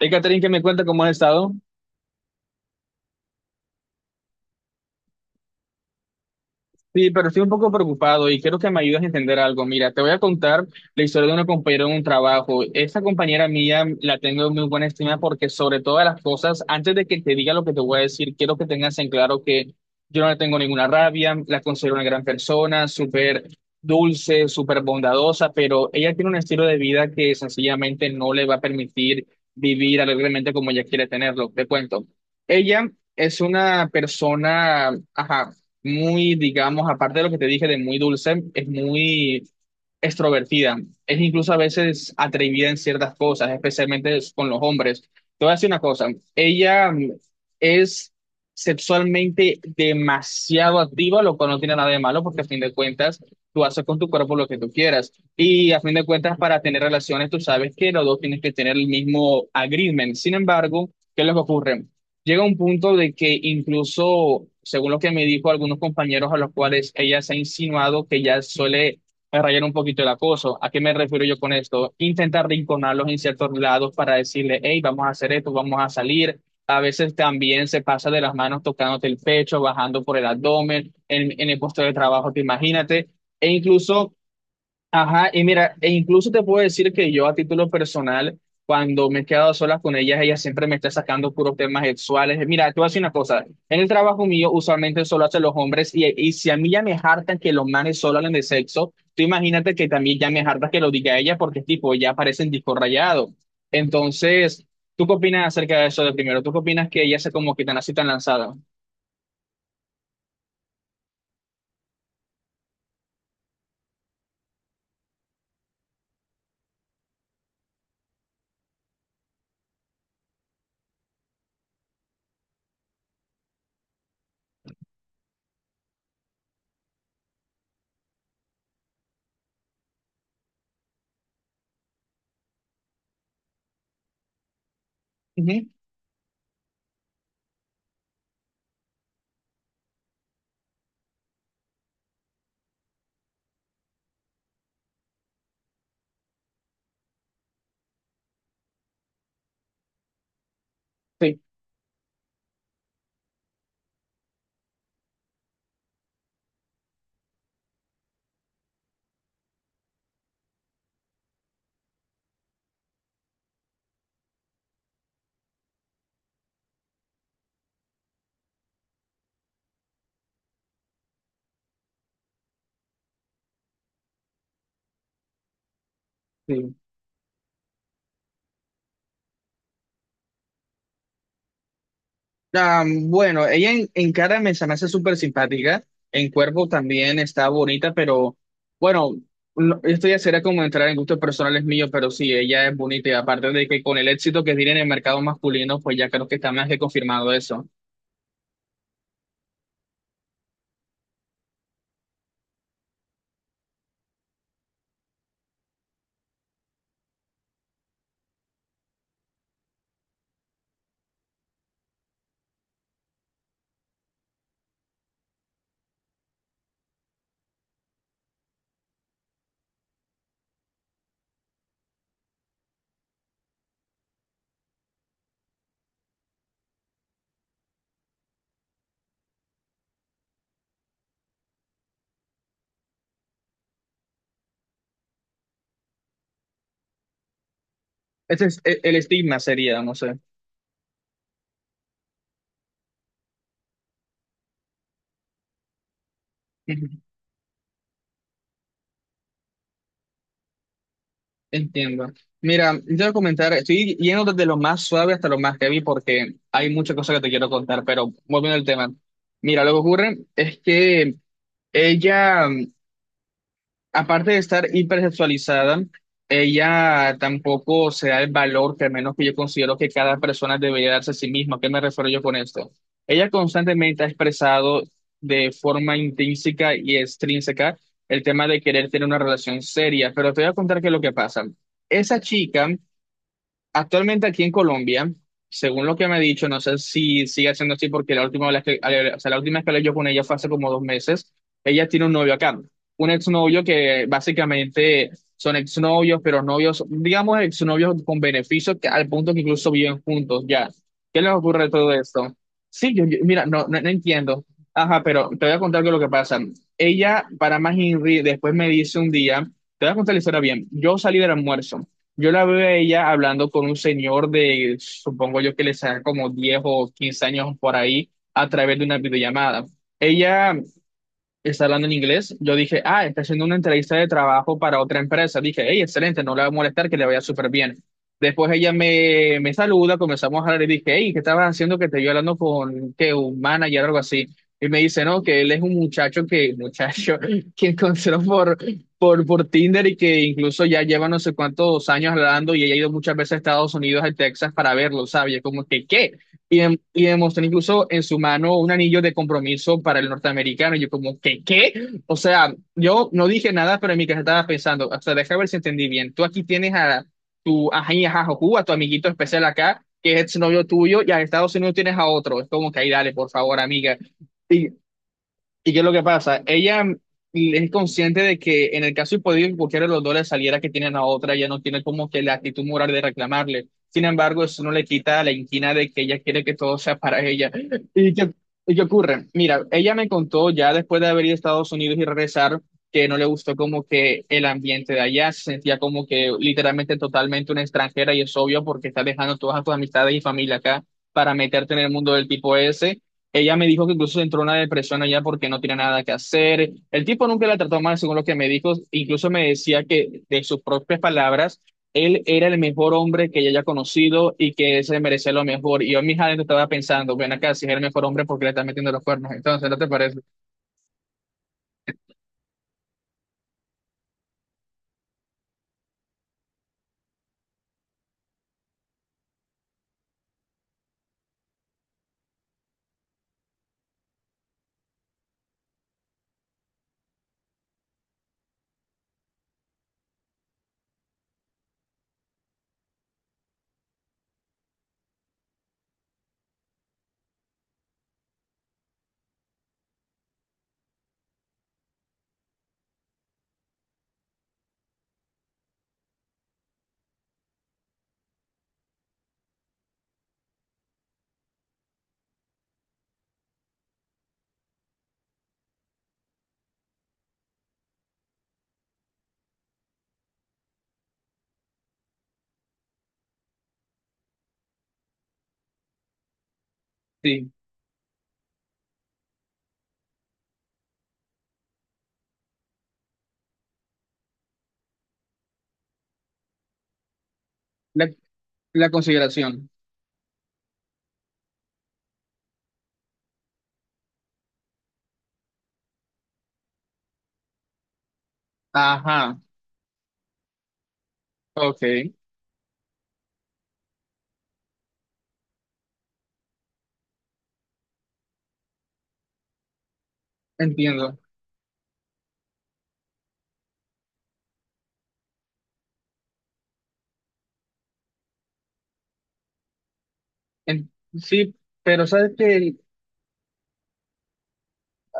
Hey, Catherine, ¿qué me cuenta cómo has estado? Sí, pero estoy un poco preocupado y quiero que me ayudes a entender algo. Mira, te voy a contar la historia de una compañera en un trabajo. Esa compañera mía la tengo en muy buena estima porque sobre todas las cosas, antes de que te diga lo que te voy a decir, quiero que tengas en claro que yo no le tengo ninguna rabia, la considero una gran persona, súper dulce, súper bondadosa, pero ella tiene un estilo de vida que sencillamente no le va a permitir vivir alegremente como ella quiere tenerlo. Te cuento. Ella es una persona, ajá, muy, digamos, aparte de lo que te dije de muy dulce, es muy extrovertida, es incluso a veces atrevida en ciertas cosas, especialmente con los hombres. Te voy a decir una cosa, ella es sexualmente demasiado activa, lo cual no tiene nada de malo porque a fin de cuentas tú haces con tu cuerpo lo que tú quieras. Y a fin de cuentas, para tener relaciones tú sabes que los dos tienes que tener el mismo agreement. Sin embargo, ¿qué les ocurre? Llega un punto de que incluso, según lo que me dijo algunos compañeros a los cuales ella se ha insinuado, que ya suele a rayar un poquito el acoso. ¿A qué me refiero yo con esto? Intentar rinconarlos en ciertos lados para decirle, hey, vamos a hacer esto, vamos a salir. A veces también se pasa de las manos tocándote el pecho, bajando por el abdomen, en el puesto de trabajo, te imagínate. E incluso, ajá, y mira, e incluso te puedo decir que yo a título personal, cuando me he quedado a solas con ellas, ella siempre me está sacando puros temas sexuales. Mira, te voy a decir una cosa, en el trabajo mío usualmente solo hacen los hombres y si a mí ya me hartan que los manes solo hablen de sexo, tú imagínate que también ya me harta que lo diga ella porque tipo, ya parecen disco rayado. Entonces, ¿tú qué opinas acerca de eso de primero? ¿Tú qué opinas que ella sea como que tan así tan lanzada? Ujú, sí, sí. Ah, bueno, ella en cara me se me hace súper simpática, en cuerpo también está bonita, pero bueno, esto ya será como entrar en gustos personales míos, pero sí, ella es bonita y aparte de que con el éxito que tiene en el mercado masculino, pues ya creo que está más que confirmado eso. Ese es el estigma sería, no sé. Ujú, entiendo. Mira, yo te voy a comentar, estoy yendo desde lo más suave hasta lo más heavy porque hay muchas cosas que te quiero contar, pero volviendo al tema. Mira, lo que ocurre es que ella, aparte de estar hipersexualizada, ella tampoco se da el valor que al menos que yo considero que cada persona debería darse a sí misma. ¿A ¿Qué me refiero yo con esto? Ella constantemente ha expresado de forma intrínseca y extrínseca el tema de querer tener una relación seria, pero te voy a contar qué es lo que pasa. Esa chica actualmente aquí en Colombia, según lo que me ha dicho, no sé si sigue siendo así porque la última vez que, o sea, la última vez que hablé yo con ella fue hace como 2 meses, ella tiene un novio acá, un exnovio que básicamente son exnovios, pero novios, digamos exnovios con beneficios al punto que incluso viven juntos ya. ¿Qué les ocurre de todo esto? Sí, yo, mira, no, no, no entiendo. Ajá, pero te voy a contar qué es lo que pasa. Ella, para más Henry, después me dice un día, te voy a contar la historia bien, yo salí del almuerzo. Yo la veo a ella hablando con un señor de, supongo yo que le saca como 10 o 15 años por ahí, a través de una videollamada. Ella está hablando en inglés, yo dije, ah, está haciendo una entrevista de trabajo para otra empresa. Dije, hey, excelente, no le va a molestar, que le vaya súper bien. Después ella me, me saluda, comenzamos a hablar y dije, hey, ¿qué estabas haciendo que te vio hablando con que un manager o algo así? Y me dice, no, que él es un muchacho que, muchacho, que encontró por Tinder y que incluso ya lleva no sé cuántos años hablando y ella ha ido muchas veces a Estados Unidos, a Texas, para verlo, ¿sabes? Y es como que, ¿qué? Y, y demostró incluso en su mano un anillo de compromiso para el norteamericano. Y yo como, ¿qué, qué? O sea, yo no dije nada, pero en mi casa estaba pensando, o sea, deja ver si entendí bien. Tú aquí tienes a tu ají, ajá, jojú, a tu amiguito especial acá, que es novio tuyo, y a Estados Unidos tienes a otro. Es como que ahí, dale, por favor, amiga. Y ¿y qué es lo que pasa? Ella es consciente de que en el caso hipotético que cualquiera de los dos le saliera que tienen a otra, ella no tiene como que la actitud moral de reclamarle. Sin embargo, eso no le quita la inquina de que ella quiere que todo sea para ella. ¿Y qué, ¿y qué ocurre? Mira, ella me contó ya después de haber ido a Estados Unidos y regresar que no le gustó como que el ambiente de allá, se sentía como que literalmente totalmente una extranjera y es obvio porque está dejando todas tus amistades y familia acá para meterte en el mundo del tipo ese. Ella me dijo que incluso entró en una depresión allá porque no tenía nada que hacer. El tipo nunca la trató mal, según lo que me dijo. Incluso me decía que, de sus propias palabras, él era el mejor hombre que ella haya conocido y que se merecía lo mejor. Y yo en mis adentros estaba pensando, ven acá, si es el mejor hombre, ¿porque le está metiendo los cuernos? Entonces, ¿no te parece? Sí, la, la consideración. Ajá, ok, entiendo. En- sí, pero ¿sabes qué?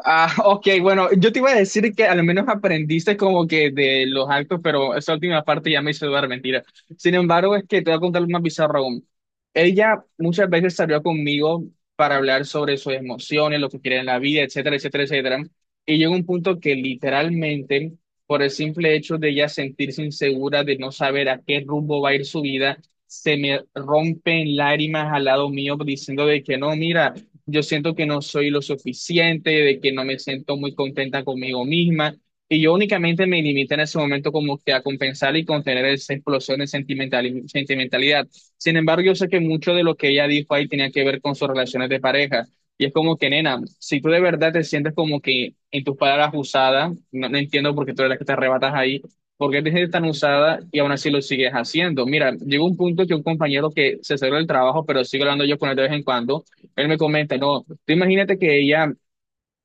Ah, ok, bueno, yo te iba a decir que al menos aprendiste como que de los actos, pero esa última parte ya me hizo dudar, mentira. Sin embargo, es que te voy a contar más bizarro aún. Ella muchas veces salió conmigo para hablar sobre sus emociones, lo que quiere en la vida, etcétera, etcétera, etcétera. Y llegó un punto que literalmente, por el simple hecho de ella sentirse insegura, de no saber a qué rumbo va a ir su vida, se me rompen lágrimas al lado mío diciendo de que no, mira, yo siento que no soy lo suficiente, de que no me siento muy contenta conmigo misma. Y yo únicamente me limité en ese momento como que a compensar y contener esa explosión de sentimentalidad. Sin embargo, yo sé que mucho de lo que ella dijo ahí tenía que ver con sus relaciones de pareja. Y es como que, nena, si tú de verdad te sientes como que en tus palabras usada, no, no entiendo por qué tú eres la que te arrebatas ahí, por qué te sientes tan usada y aún así lo sigues haciendo. Mira, llegó un punto que un compañero que se salió del trabajo, pero sigue hablando yo con él de vez en cuando, él me comenta, no, tú imagínate que ella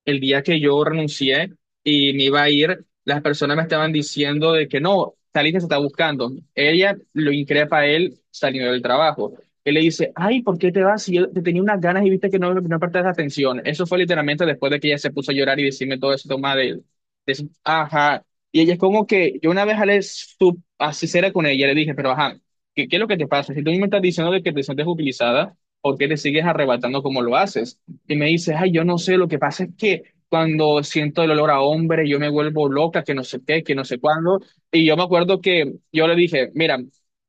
el día que yo renuncié y me iba a ir, las personas me estaban diciendo de que no, Talita se está buscando. Ella lo increpa a él saliendo del trabajo. Él le dice, ay, ¿por qué te vas? Si yo te tenía unas ganas y viste que no, no prestas atención. Eso fue literalmente después de que ella se puso a llorar y decirme todo eso, toma de, ajá. Y ella es como que, yo una vez Ale, su, así será con ella, le dije, pero ajá, ¿qué, qué es lo que te pasa? Si tú me estás diciendo de que te sientes utilizada, ¿por qué te sigues arrebatando como lo haces? Y me dices, ay, yo no sé, lo que pasa es que cuando siento el olor a hombre, yo me vuelvo loca, que no sé qué, que no sé cuándo. Y yo me acuerdo que yo le dije, mira,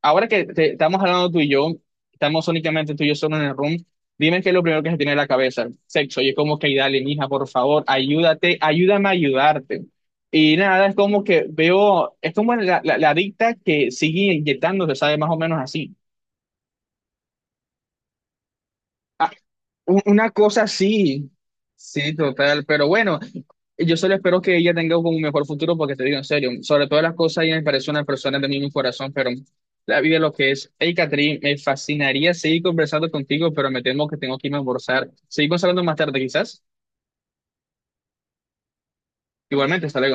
ahora que estamos hablando tú y yo, estamos únicamente tú y yo solo en el room, dime qué es lo primero que se tiene en la cabeza, sexo. Y es como que, dale, mija, por favor, ayúdate, ayúdame a ayudarte. Y nada, es como que veo, es como la adicta que sigue inyectándose, sabe, más o menos así. Una cosa sí, sí, total, pero bueno, yo solo espero que ella tenga un mejor futuro porque te digo en serio, sobre todas las cosas ella me parece una persona de mi mismo corazón, pero la vida es lo que es. Hey, Catherine, me fascinaría seguir conversando contigo, pero me temo que tengo que irme a almorzar. Seguimos hablando más tarde quizás. Igualmente, hasta luego.